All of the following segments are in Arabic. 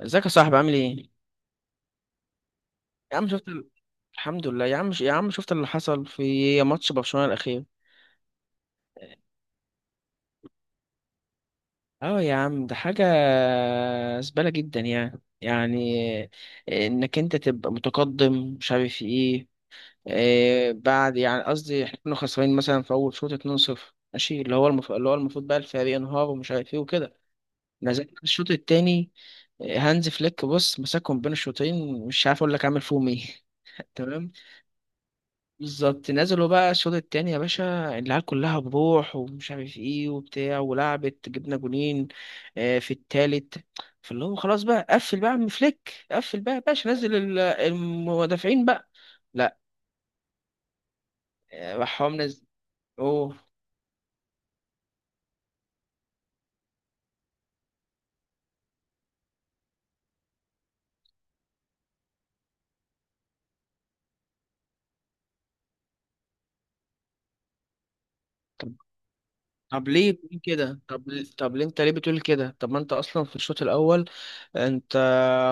ازيك يا صاحبي، عامل ايه؟ يا عم شفت ال... الحمد لله يا عم شفت اللي حصل في ماتش برشلونة الأخير؟ اه يا عم، ده حاجة زبالة جدا. يعني انك انت تبقى متقدم، مش عارف ايه. بعد، يعني قصدي احنا كنا خسرانين مثلا في اول شوط 2-0. ماشي، اللي هو المفروض بقى الفريق ينهار ومش عارف ايه وكده. نزلت الشوط التاني. هانز فليك بص مسكهم بين الشوطين، مش عارف اقول لك عامل فيهم ايه. تمام. بالظبط نزلوا بقى الشوط التاني يا باشا، العيال كلها بروح ومش عارف ايه وبتاع، ولعبت، جبنا جونين في التالت. فاللي هو خلاص بقى قفل، بقى يا عم فليك قفل بقى يا باشا، نزل المدافعين بقى. لا، راح هو منزل. اوه. طب، طب ليه بتقول كده طب طب ليه انت بتقول كده؟ طب ما انت اصلا في الشوط الاول انت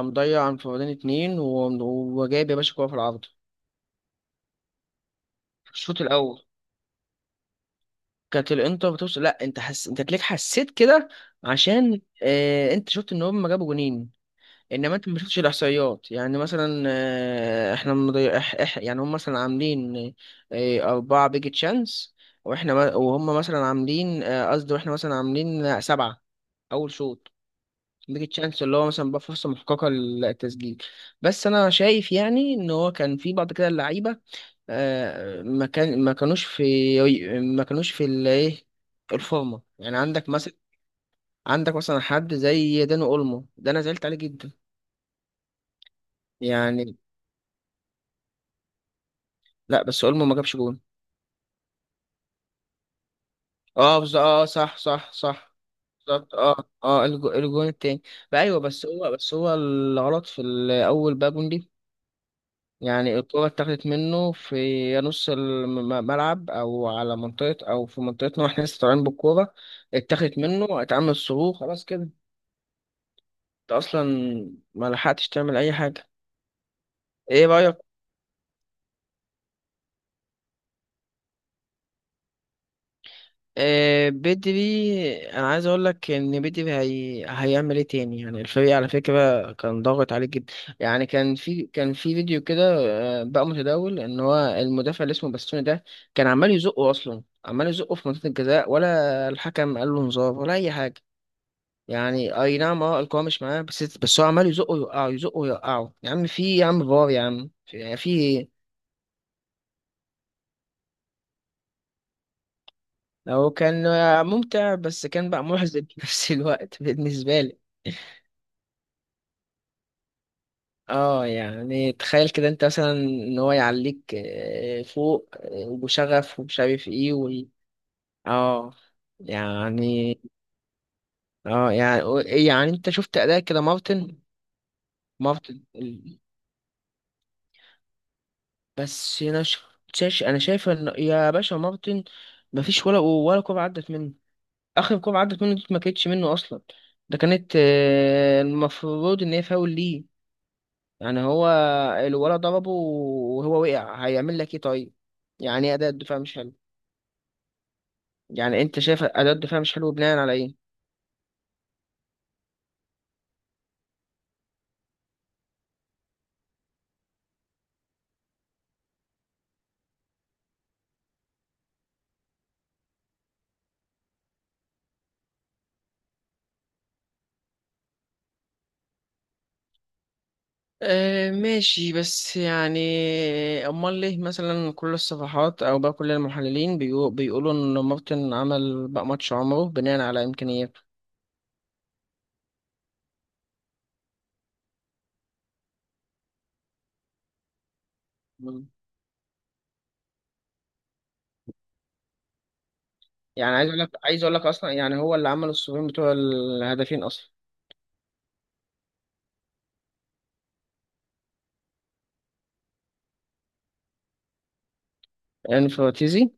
مضيع انفرادين اتنين وجايب يا باشا كوره في العارضه. في الشوط الاول كانت الانتر بتوصل. لا، انت تلاقيك حسيت كده، عشان انت شفت ان هم جابوا جونين. انما انت ما شفتش الاحصائيات. يعني مثلا احنا يعني هم مثلا عاملين 4 بيج تشانس، واحنا ما... وهم مثلا عاملين آه، قصدي واحنا مثلا عاملين 7 اول شوط. بيج تشانس اللي هو مثلا بقى فرصة محققة للتسجيل. بس انا شايف يعني ان هو كان في بعض كده اللعيبة ما كانوش في، ما كانوش في الايه الفورمه. يعني عندك مثلا حد زي داني اولمو، ده انا زعلت عليه جدا، يعني. لا بس اولمو ما جابش جون. اه صح صح. بالظبط، اه اه، الجون التاني. بقى ايوه، بس هو الغلط في الاول بقى جون دي. يعني الكرة اتاخدت منه في نص الملعب، او على منطقة، او في منطقتنا واحنا لسه طالعين بالكورة. اتاخدت منه، اتعمل صروخ، خلاص كده. انت اصلا ما لحقتش تعمل اي حاجه. ايه رايك؟ آه بدري، انا عايز اقول لك ان بدري هيعمل ايه تاني؟ يعني الفريق على فكره كان ضاغط عليه جدا. يعني كان في فيديو كده بقى متداول، ان هو المدافع اللي اسمه باستوني ده كان عمال يزقه، اصلا عمال يزقه في منطقه الجزاء، ولا الحكم قال له انذار ولا اي حاجه. يعني اي نعم، اه القوه مش معاه، بس هو عمال يزقه يوقعه، يزقه يوقعه، يا عم في، يا عم فار، يا عم في، يعني في إيه؟ هو كان ممتع، بس كان بقى محزن في نفس الوقت بالنسبة لي. اه يعني تخيل كده انت مثلا ان هو يعليك فوق وشغف ومش عارف ايه و... اه يعني. اه يعني يعني انت شفت اداء كده مارتن. مارتن ال- بس انا ش- شاش انا شايف ان يا باشا مارتن مفيش ولا كوره عدت منه. اخر كوره عدت منه دي ما كانتش منه اصلا. ده كانت المفروض ان هي فاول ليه. يعني هو الولد ضربه وهو وقع، هيعمل لك ايه طيب؟ يعني ايه اداء الدفاع مش حلو؟ يعني انت شايف اداء الدفاع مش حلو بناء على ايه؟ آه ماشي، بس يعني امال ليه مثلا كل الصفحات او بقى كل المحللين بيقولوا ان مارتن عمل بقى ماتش عمره بناء على امكانياته؟ مم. يعني عايز اقول لك اصلا يعني هو اللي عمل الصفين بتوع الهدفين اصلا. يعني فراتيزي.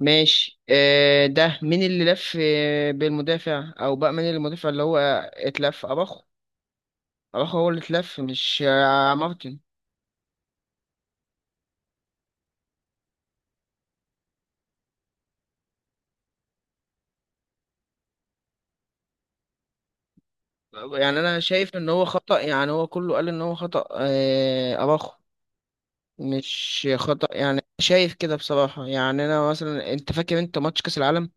ماشي ده مين اللي لف بالمدافع، او بقى مين المدافع اللي هو اتلف؟ اباخو. اباخو هو اللي اتلف، مش مارتن. يعني انا شايف ان هو خطأ، يعني هو كله قال ان هو خطأ اباخو، مش خطأ، يعني شايف كده بصراحة. يعني انا مثلا انت فاكر انت ماتش كأس العالم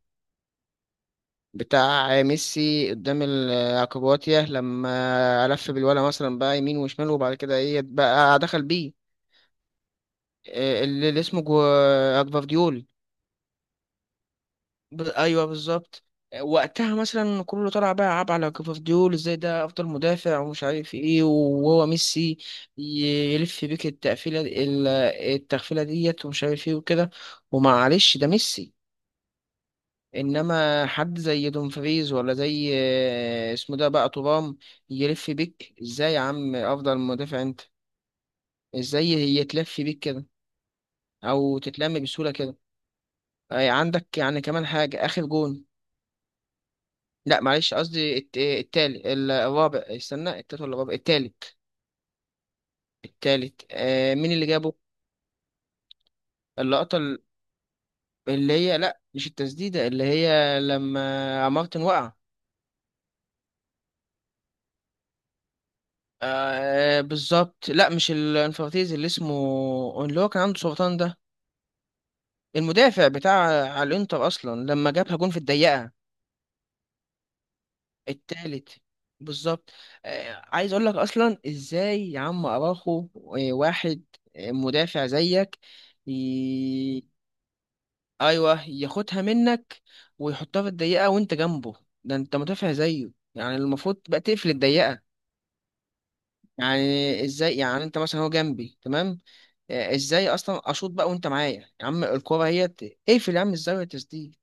بتاع ميسي قدام الكرواتيا، لما لف بالولا مثلا بقى يمين وشمال وبعد كده ايه بقى دخل بيه اللي اسمه جفارديول. ايوه بالظبط. وقتها مثلا كله طلع بقى يلعب على كوفارديول، ازاي ده افضل مدافع ومش عارف ايه، وهو ميسي يلف بيك التقفيله التغفيله ديت ومش عارف ايه وكده. ومعلش ده ميسي. انما حد زي دومفريز، ولا زي اسمه ده بقى ترام، يلف بيك ازاي يا عم؟ افضل مدافع انت، ازاي يتلف بيك كده؟ او تتلم بسهوله كده؟ عندك يعني كمان حاجه، اخر جون. لا معلش قصدي التالت الرابع، استنى، التالت ولا الرابع، التالت. التالت، آه، مين اللي جابه؟ اللقطة اللي هي، لا مش التسديدة، اللي هي لما مارتن وقع. آه بالظبط، لا مش الانفرتيز، اللي اسمه اللي هو كان عنده سرطان ده، المدافع بتاع على الانتر اصلا، لما جابها جون في الضيقة، التالت. بالظبط. آه، عايز اقول لك اصلا ازاي يا عم اراخو واحد مدافع زيك، ايوه، ياخدها منك ويحطها في الضيقه وانت جنبه؟ ده انت مدافع زيه، يعني المفروض بقى تقفل الضيقه. يعني ازاي يعني؟ انت مثلا هو جنبي تمام، ازاي اصلا اشوط بقى وانت معايا يا عم؟ الكوره هي اقفل يا عم الزاويه تسديد.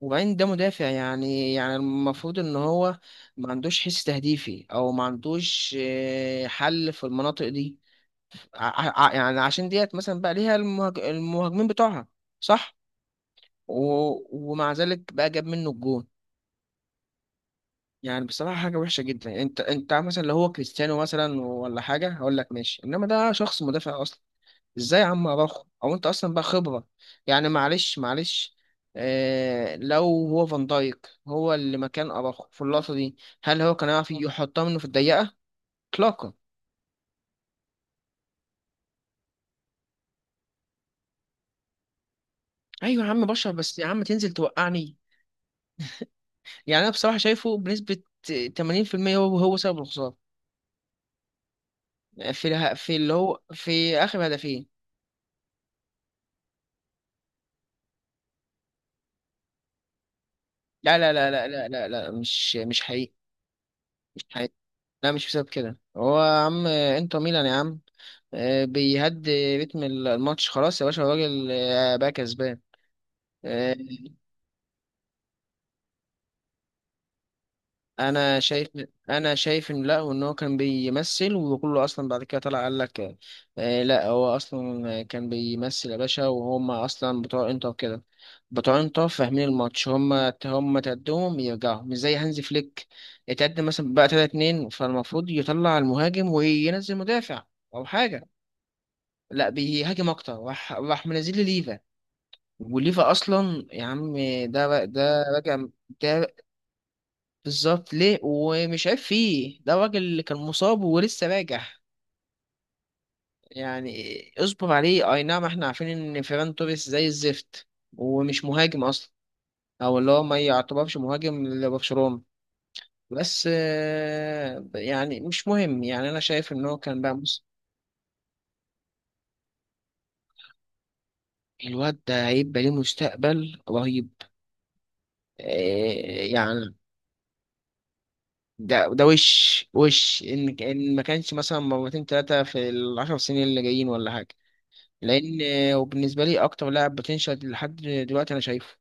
وبعدين ده مدافع، يعني المفروض ان هو ما عندوش حس تهديفي، او ما عندوش حل في المناطق دي. يعني عشان ديت مثلا بقى ليها المهاجمين بتوعها، صح؟ و... ومع ذلك بقى جاب منه الجون. يعني بصراحة حاجة وحشة جدا. انت مثلا لو هو كريستيانو مثلا ولا حاجة، هقول لك ماشي، انما ده شخص مدافع اصلا، ازاي يا عم اراخو؟ او انت اصلا بقى خبرة، يعني معلش اه، لو هو فان دايك هو اللي مكان اراخو في اللقطة دي، هل هو كان يعرف يحطها منه في الضيقة؟ اطلاقا. ايوه يا عم بشر، بس يا عم تنزل توقعني؟ يعني انا بصراحة شايفه بنسبة 80% هو هو سبب الخسارة، في اللي هو في اخر هدفين. لا، لا، لا، لا، لا، لا، لا، مش حقيقي، مش حقيقي. لا مش بسبب كده، هو يا عم انتر ميلان يا عم، بيهدي رتم الماتش خلاص يا باشا، الراجل بقى كسبان. آه، انا شايف انا شايف ان لا، وان هو كان بيمثل، وكله اصلا بعد كده طلع قال لك لا هو اصلا كان بيمثل يا باشا. وهم اصلا بتوع انتر كده، بتوع انتر فاهمين الماتش، هم تقدمهم يرجعوا، مش زي هانزي فليك، اتقدم مثلا بقى 3-2 فالمفروض يطلع المهاجم وينزل مدافع او حاجه. لا، بيهاجم اكتر، راح منزل لي ليفا، وليفا اصلا يا عم، ده راجع، ده بالظبط، ليه ومش عارف فيه ده، الراجل اللي كان مصاب ولسه راجع. يعني اصبر عليه. اي نعم احنا عارفين ان فيران توريس زي الزفت، ومش مهاجم اصلا، او اللي هو ما يعتبرش مهاجم لبرشلونة. بس يعني مش مهم. يعني انا شايف ان هو كان بقى الواد ده هيبقى ليه مستقبل رهيب يعني. ده ده وش ان ما كانش مثلا مرتين ثلاثه في الـ 10 سنين اللي جايين ولا حاجه. لان وبالنسبه لي اكتر لاعب بوتنشال لحد دلوقتي انا شايفه.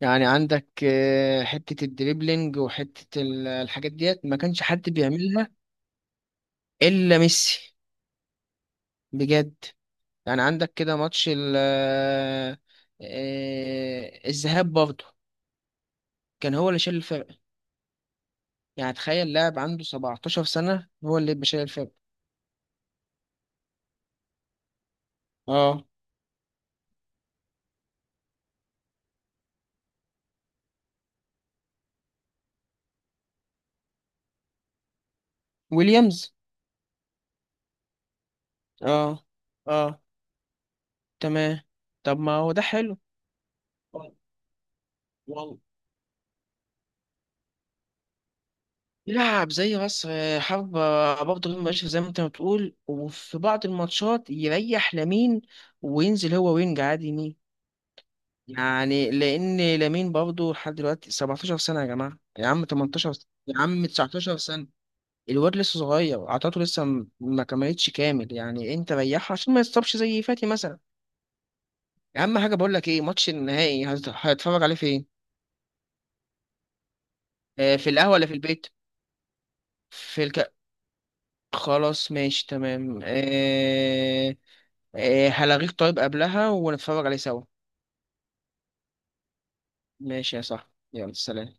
يعني عندك حته الدريبلينج وحته الحاجات ديت، ما كانش حد بيعملها الا ميسي، بجد. يعني عندك كده ماتش ال آه، الذهاب برضه كان هو اللي شايل الفرق. يعني تخيل لاعب عنده 17 سنه هو اللي بيشيل الفرق. اه، ويليامز. اه اه تمام. طب ما هو ده حلو. والله، يلعب زي مصر، حابب، برضه غير مباشر، زي ما انت ما بتقول، وفي بعض الماتشات يريح لامين وينزل هو وينج عادي يمين. يعني لان لامين برضه لحد دلوقتي 17 سنه يا جماعه، يا عم 18 سنة، يا عم 19 سنه. الواد لسه صغير، عطاته لسه ما كملتش كامل، يعني انت ريحه عشان ما يتصابش زي فاتي مثلا. يا عم حاجه، بقول لك ايه، ماتش النهائي هتتفرج عليه فين؟ في القهوه ولا في البيت؟ في الك... خلاص ماشي تمام. هلغيك طيب قبلها ونتفرج عليه سوا. ماشي يا صاحبي، يلا سلام.